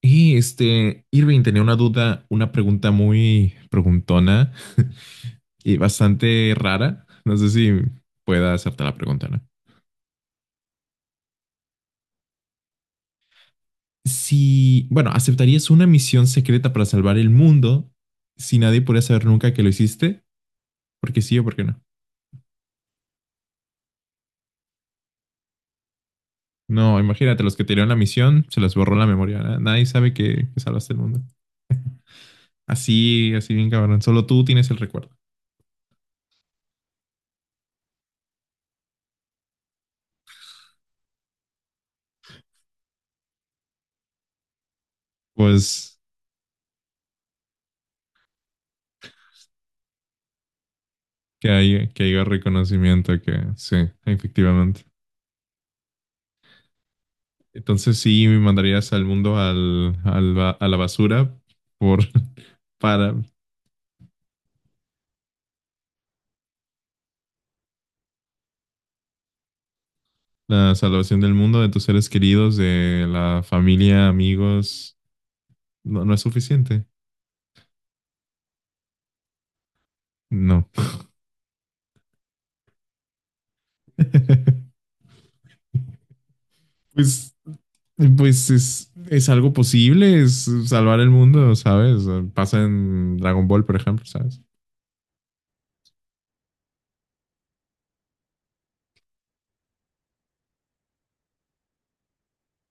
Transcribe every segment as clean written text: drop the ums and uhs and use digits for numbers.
Y Irving tenía una duda, una pregunta muy preguntona y bastante rara. No sé si pueda hacerte la pregunta, ¿no? Si, bueno, ¿aceptarías una misión secreta para salvar el mundo si nadie pudiera saber nunca que lo hiciste? ¿Porque sí o por qué no? No, imagínate, los que te dieron la misión, se les borró la memoria, ¿no? Nadie sabe que salvaste el mundo. Así, así bien cabrón. Solo tú tienes el recuerdo. Pues que haya reconocimiento, que sí, efectivamente. Entonces, sí me mandarías al mundo a la basura por para la salvación del mundo, de tus seres queridos, de la familia, amigos. No, no es suficiente. No. Pues, pues es algo posible, es salvar el mundo, ¿sabes? Pasa en Dragon Ball, por ejemplo, ¿sabes?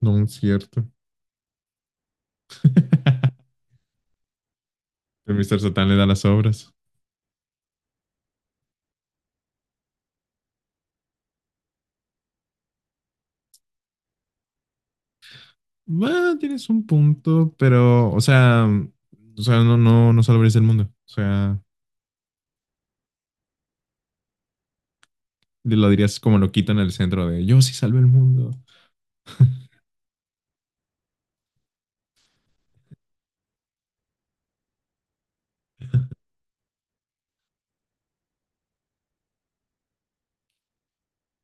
No es cierto. El Mr. Satan le da las obras. Bueno, tienes un punto, pero, o sea, no, no, no salvarías el mundo. O sea, lo dirías como lo quitan en el centro de "yo sí salvé el mundo".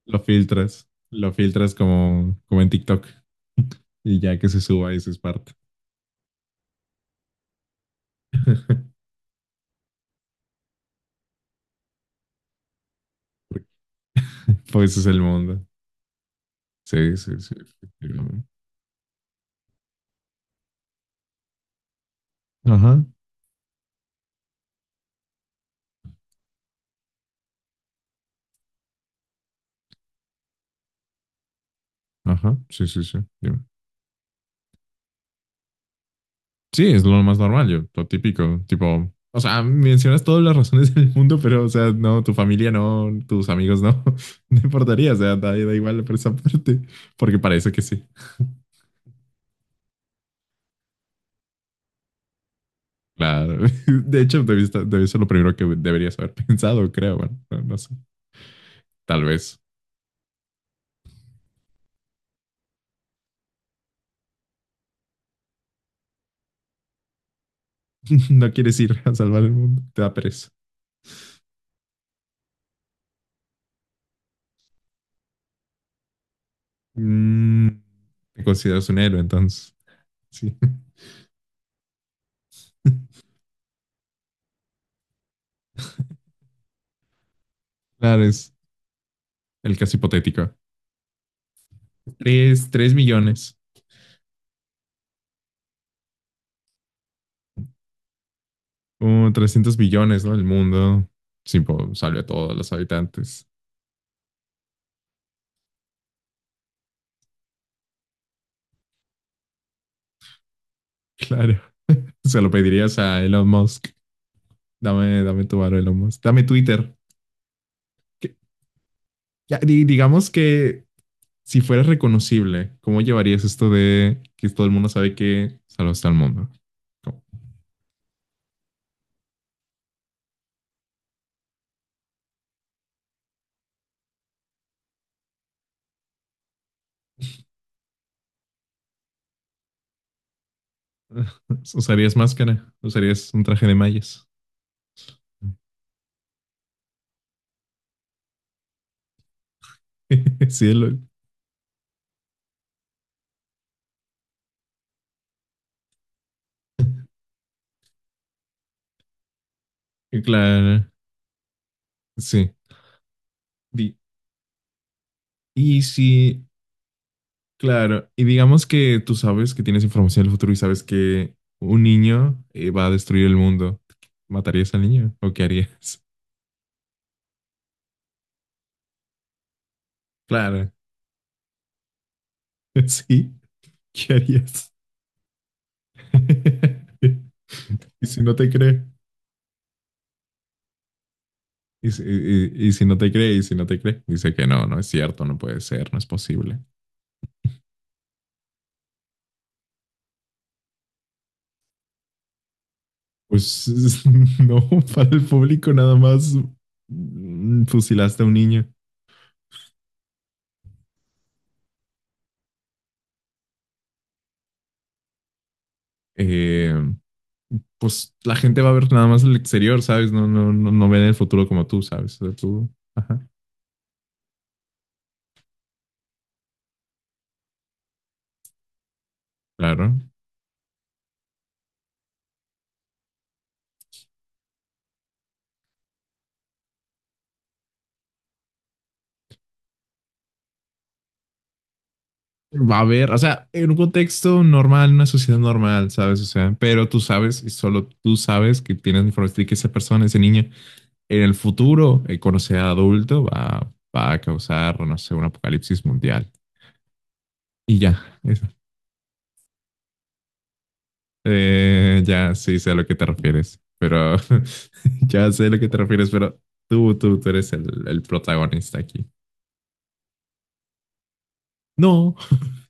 Lo filtras como en TikTok. Y ya que se suba, eso es parte. Pues ese es el mundo. Sí, sí, sí, efectivamente. Ajá, ajá, sí, sí, sí. Sí, es lo más normal, yo, lo típico, tipo, o sea, mencionas todas las razones del mundo, pero, o sea, no, tu familia no, tus amigos no, no importaría, o sea, da igual por esa parte, porque parece que sí. Claro, de hecho, debe ser lo primero que deberías haber pensado, creo, bueno, no, no sé, tal vez. No quieres ir a salvar el mundo, te da pereza. Mm, Te consideras un héroe, entonces, sí. Claro, es el caso hipotético. Tres millones. Como 300 billones, ¿no? El mundo. Sí, pues, salve a todos los habitantes. Claro. Se lo pedirías a Elon Musk. Dame, dame tu varo, Elon Musk. Dame Twitter. Que- ya, digamos que si fueras reconocible, ¿cómo llevarías esto de que todo el mundo sabe que salvaste al mundo? ¿Cómo? ¿Usarías máscara? ¿Usarías un traje de mallas? Sí, claro. Sí. Di- Y si Claro, y digamos que tú sabes que tienes información del futuro y sabes que un niño va a destruir el mundo. ¿Matarías al niño o qué harías? Claro, sí, ¿qué harías? Y si no te cree, y si no te cree, dice que no, no es cierto, no puede ser, no es posible. Pues no, para el público nada más, fusilaste a un niño. Eh, pues la gente va a ver nada más el exterior, ¿sabes? No, no, no, no ven el futuro como tú, ¿sabes? O sea, tú, ajá, claro. Va a haber, o sea, en un contexto normal, en una sociedad normal, ¿sabes? O sea, pero tú sabes y solo tú sabes que tienes información y que esa persona, ese niño, en el futuro, cuando sea adulto, va a causar, no sé, un apocalipsis mundial. Y ya, eso. Ya, sí, sé a lo que te refieres, pero ya sé a lo que te refieres, pero tú eres el protagonista aquí. No,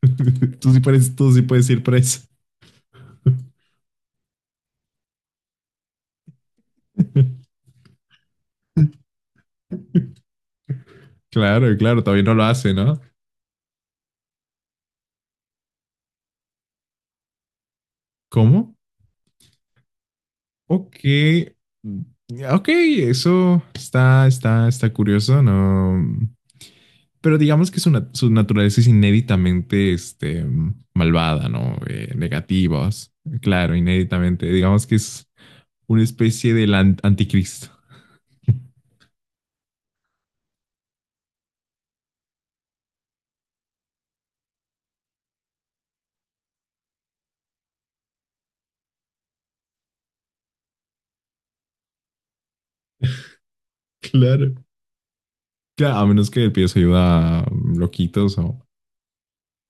tú sí puedes ir preso. Claro, claro, todavía no lo hace, ¿no? ¿Cómo? Ok. Mm, Ok, eso está curioso, ¿no? Pero digamos que su naturaleza es inéditamente malvada, ¿no? Negativas. Claro, inéditamente. Digamos que es una especie del anticristo. Claro. Claro, a menos que pides ayuda a loquitos o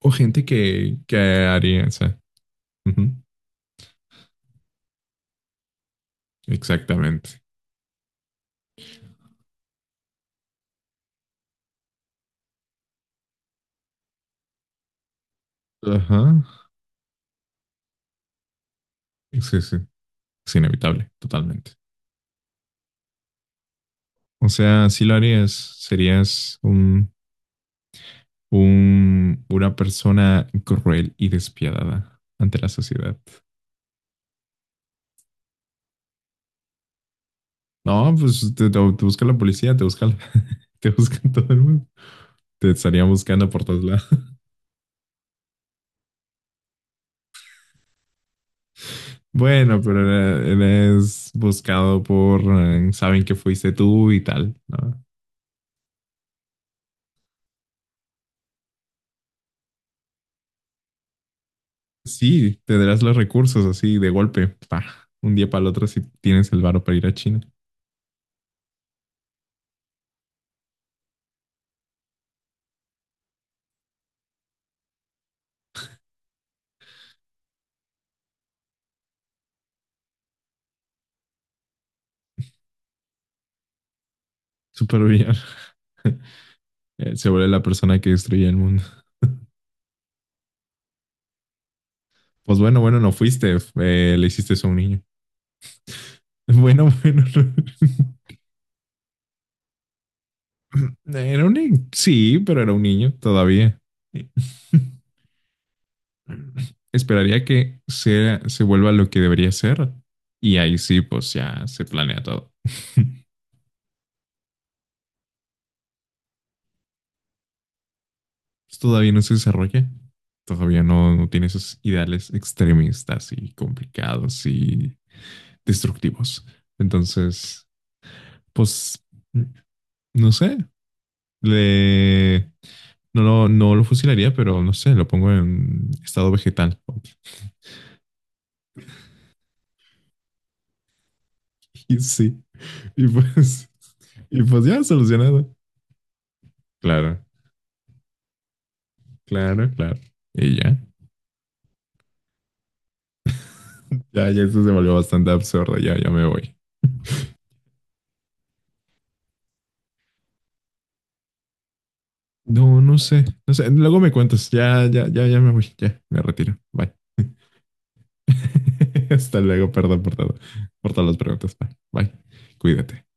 O gente que haría, o sea, ujú, exactamente. Ajá. Sí, sí. Es inevitable, totalmente. O sea, si lo harías, serías una persona cruel y despiadada ante la sociedad. No, pues te busca la policía, te busca, te busca todo el mundo. Te estarían buscando por todos lados. Bueno, pero eres buscado saben que fuiste tú y tal, ¿no? Sí, tendrás los recursos así de golpe, un día para el otro si tienes el varo para ir a China. Súper bien. Se vuelve la persona que destruye el mundo. Pues bueno, bueno, no fuiste, le hiciste eso a un niño. Bueno, bueno. No. Era un niño, sí, pero era un niño todavía. Esperaría que se vuelva lo que debería ser. Y ahí sí, pues ya se planea todo. Pues, todavía no se desarrolla. Todavía no, no tiene esos ideales extremistas y complicados y destructivos. Entonces, pues, no sé, le... No, no, no lo fusilaría, pero no sé, lo pongo en estado vegetal. Y sí, y pues, y pues ya solucionado. Claro, claro, claro. Y ya, ya, ya esto se volvió bastante absurdo, ya, ya me voy. No, no sé, no sé. Luego me cuentas. Ya, ya, ya, ya me voy. Ya, me retiro. Bye. Hasta luego. Perdón por todo, por todas las preguntas. Bye. Bye. Cuídate.